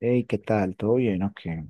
Hey, ¿qué tal? ¿Todo bien o qué?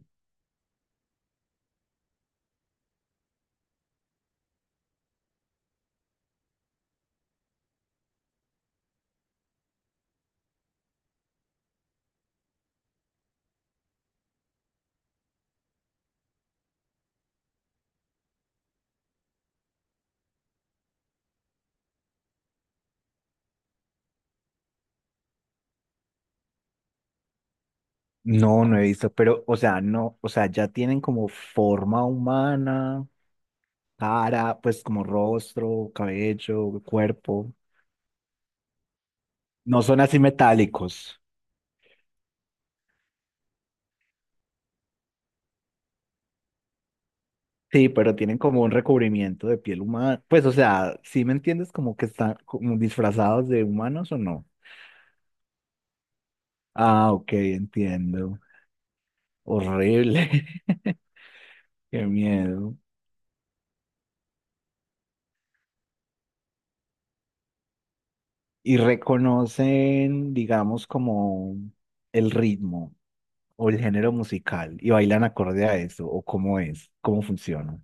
No, no he visto, pero, o sea, no, o sea, ya tienen como forma humana, cara, pues como rostro, cabello, cuerpo. No son así metálicos. Sí, pero tienen como un recubrimiento de piel humana. Pues, o sea, ¿sí me entiendes? Como que están como disfrazados de humanos o no. Ah, ok, entiendo. Horrible. Qué miedo. Y reconocen, digamos, como el ritmo, o el género musical, y bailan acorde a eso, o cómo es, cómo funciona.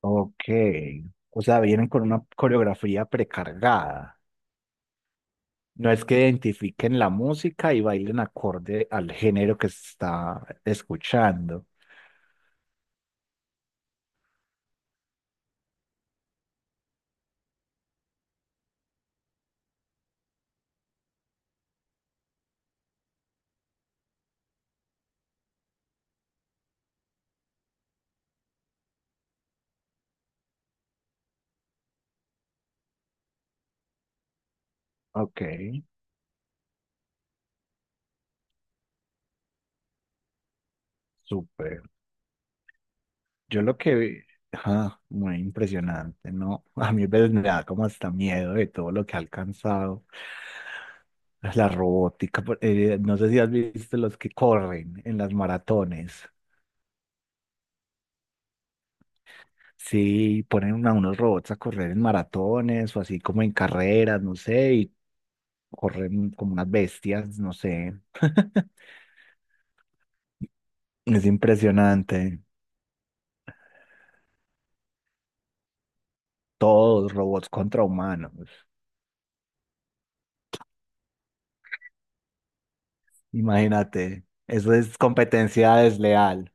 Ok, o sea, vienen con una coreografía precargada. No es que identifiquen la música y bailen acorde al género que se está escuchando. Ok, súper. Yo lo que vi, ah, muy impresionante, ¿no? A mí a veces me da como hasta miedo de todo lo que ha alcanzado la robótica, no sé si has visto los que corren en las maratones. Sí, unos robots a correr en maratones o así como en carreras, no sé, y corren como unas bestias, no sé. Es impresionante. Todos robots contra humanos. Imagínate, eso es competencia desleal.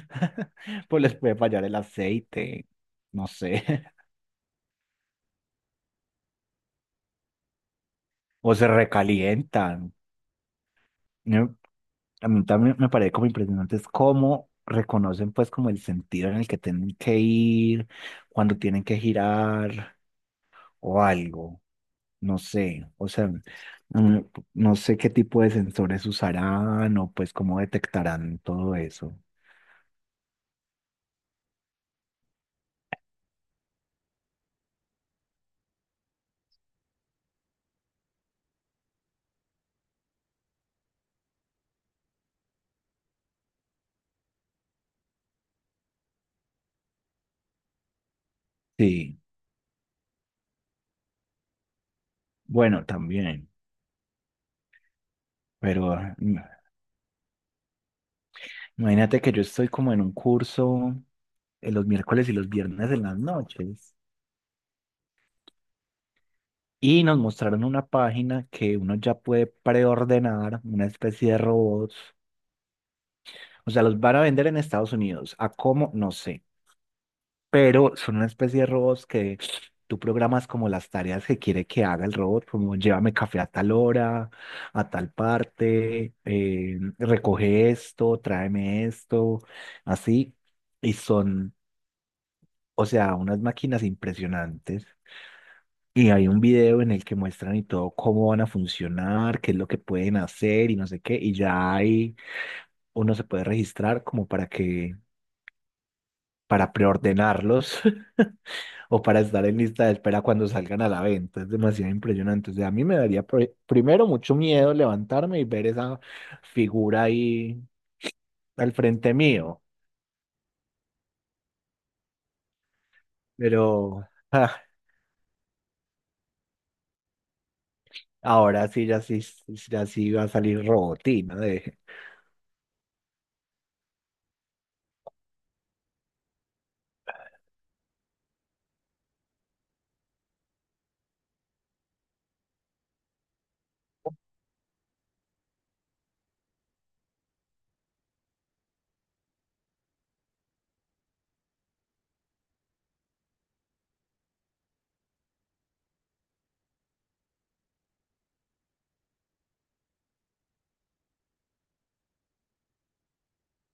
Pues les puede fallar el aceite, no sé, o se recalientan. ¿No? A mí también me parece como impresionante es cómo reconocen pues como el sentido en el que tienen que ir, cuando tienen que girar o algo, no sé, o sea, mm, no sé qué tipo de sensores usarán o pues cómo detectarán todo eso. Sí, bueno, también, pero imagínate que yo estoy como en un curso en los miércoles y los viernes en las noches. Y nos mostraron una página que uno ya puede preordenar, una especie de robots. O sea, los van a vender en Estados Unidos. ¿A cómo? No sé. Pero son una especie de robots que tú programas como las tareas que quiere que haga el robot, como llévame café a tal hora, a tal parte, recoge esto, tráeme esto, así. Y son, o sea, unas máquinas impresionantes. Y hay un video en el que muestran y todo cómo van a funcionar, qué es lo que pueden hacer y no sé qué. Y ya hay, uno se puede registrar como para que, para preordenarlos o para estar en lista de espera cuando salgan a la venta. Es demasiado impresionante. O sea, a mí me daría primero mucho miedo levantarme y ver esa figura ahí al frente mío. Pero ah, ahora sí, ya sí, ya sí va a salir robotina de...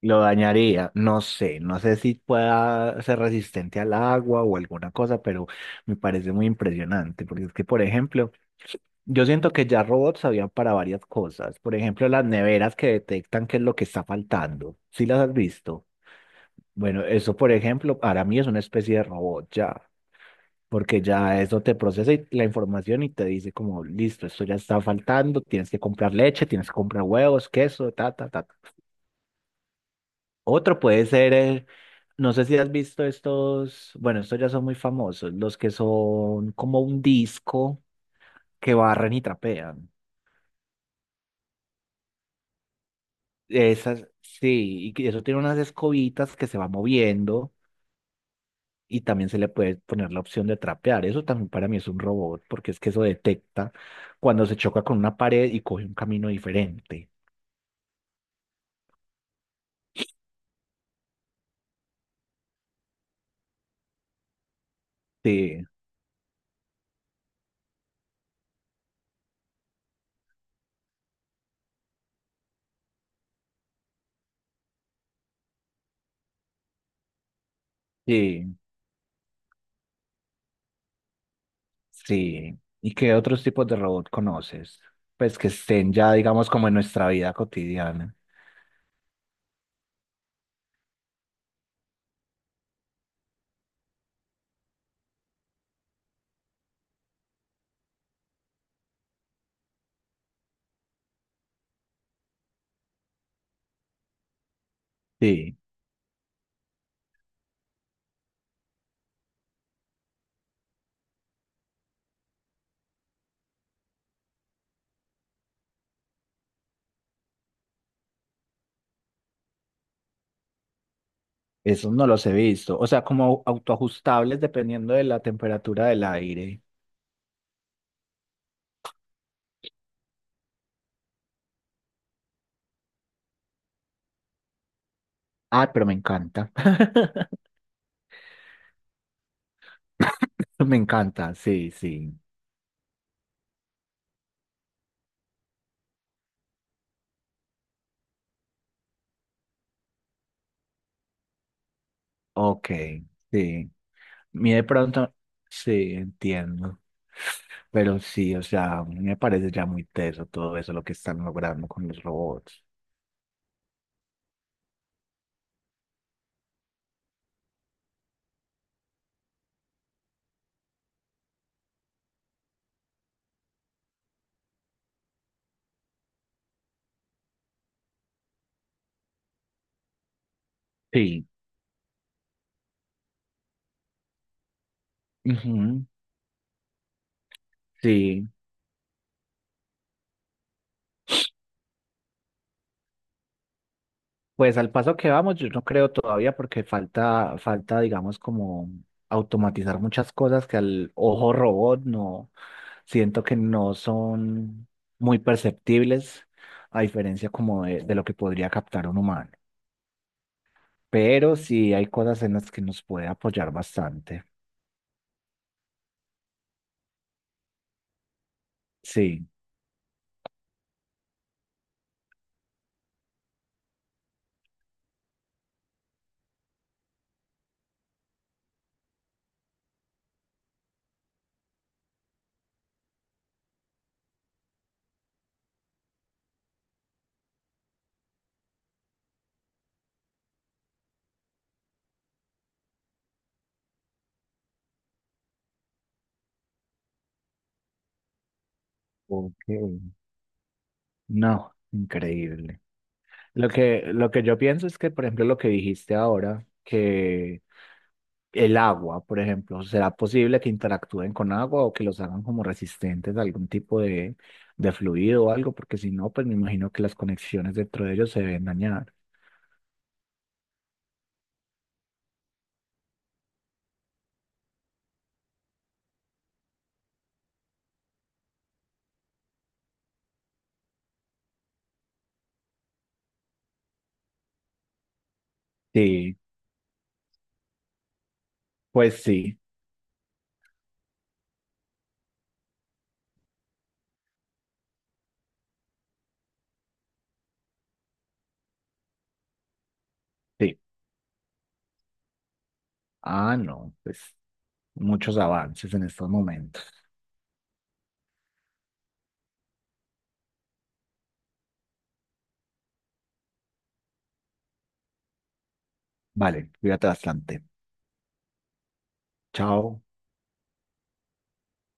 Lo dañaría, no sé, no sé si pueda ser resistente al agua o alguna cosa, pero me parece muy impresionante, porque es que, por ejemplo, yo siento que ya robots habían para varias cosas, por ejemplo, las neveras que detectan qué es lo que está faltando, ¿si las has visto? Bueno, eso, por ejemplo, para mí es una especie de robot ya, porque ya eso te procesa la información y te dice como, listo, esto ya está faltando, tienes que comprar leche, tienes que comprar huevos, queso, ta, ta, ta. Otro puede ser, no sé si has visto estos, bueno, estos ya son muy famosos, los que son como un disco que barren y trapean. Esas, sí, y que eso tiene unas escobitas que se va moviendo y también se le puede poner la opción de trapear. Eso también para mí es un robot, porque es que eso detecta cuando se choca con una pared y coge un camino diferente. Sí, sí, sí. ¿Y qué otros tipos de robot conoces? Pues que estén ya, digamos, como en nuestra vida cotidiana. Sí, esos no los he visto. O sea, como autoajustables dependiendo de la temperatura del aire. Ah, pero me encanta. Me encanta, sí, sí. Ok, sí. Mire, de pronto, sí, entiendo. Pero sí, o sea, a mí me parece ya muy teso todo eso lo que están logrando con los robots. Sí, ujú, sí. Pues al paso que vamos, yo no creo todavía porque falta, digamos, como automatizar muchas cosas que al ojo robot no, siento que no son muy perceptibles, a diferencia como de lo que podría captar un humano. Pero sí hay cosas en las que nos puede apoyar bastante. Sí. Ok. No, increíble. Lo que yo pienso es que, por ejemplo, lo que dijiste ahora, que el agua, por ejemplo, ¿será posible que interactúen con agua o que los hagan como resistentes a algún tipo de fluido o algo? Porque si no, pues me imagino que las conexiones dentro de ellos se deben dañar. Sí, pues sí, sí. Ah, no, pues muchos avances en estos momentos. Vale, cuídate bastante. Chao.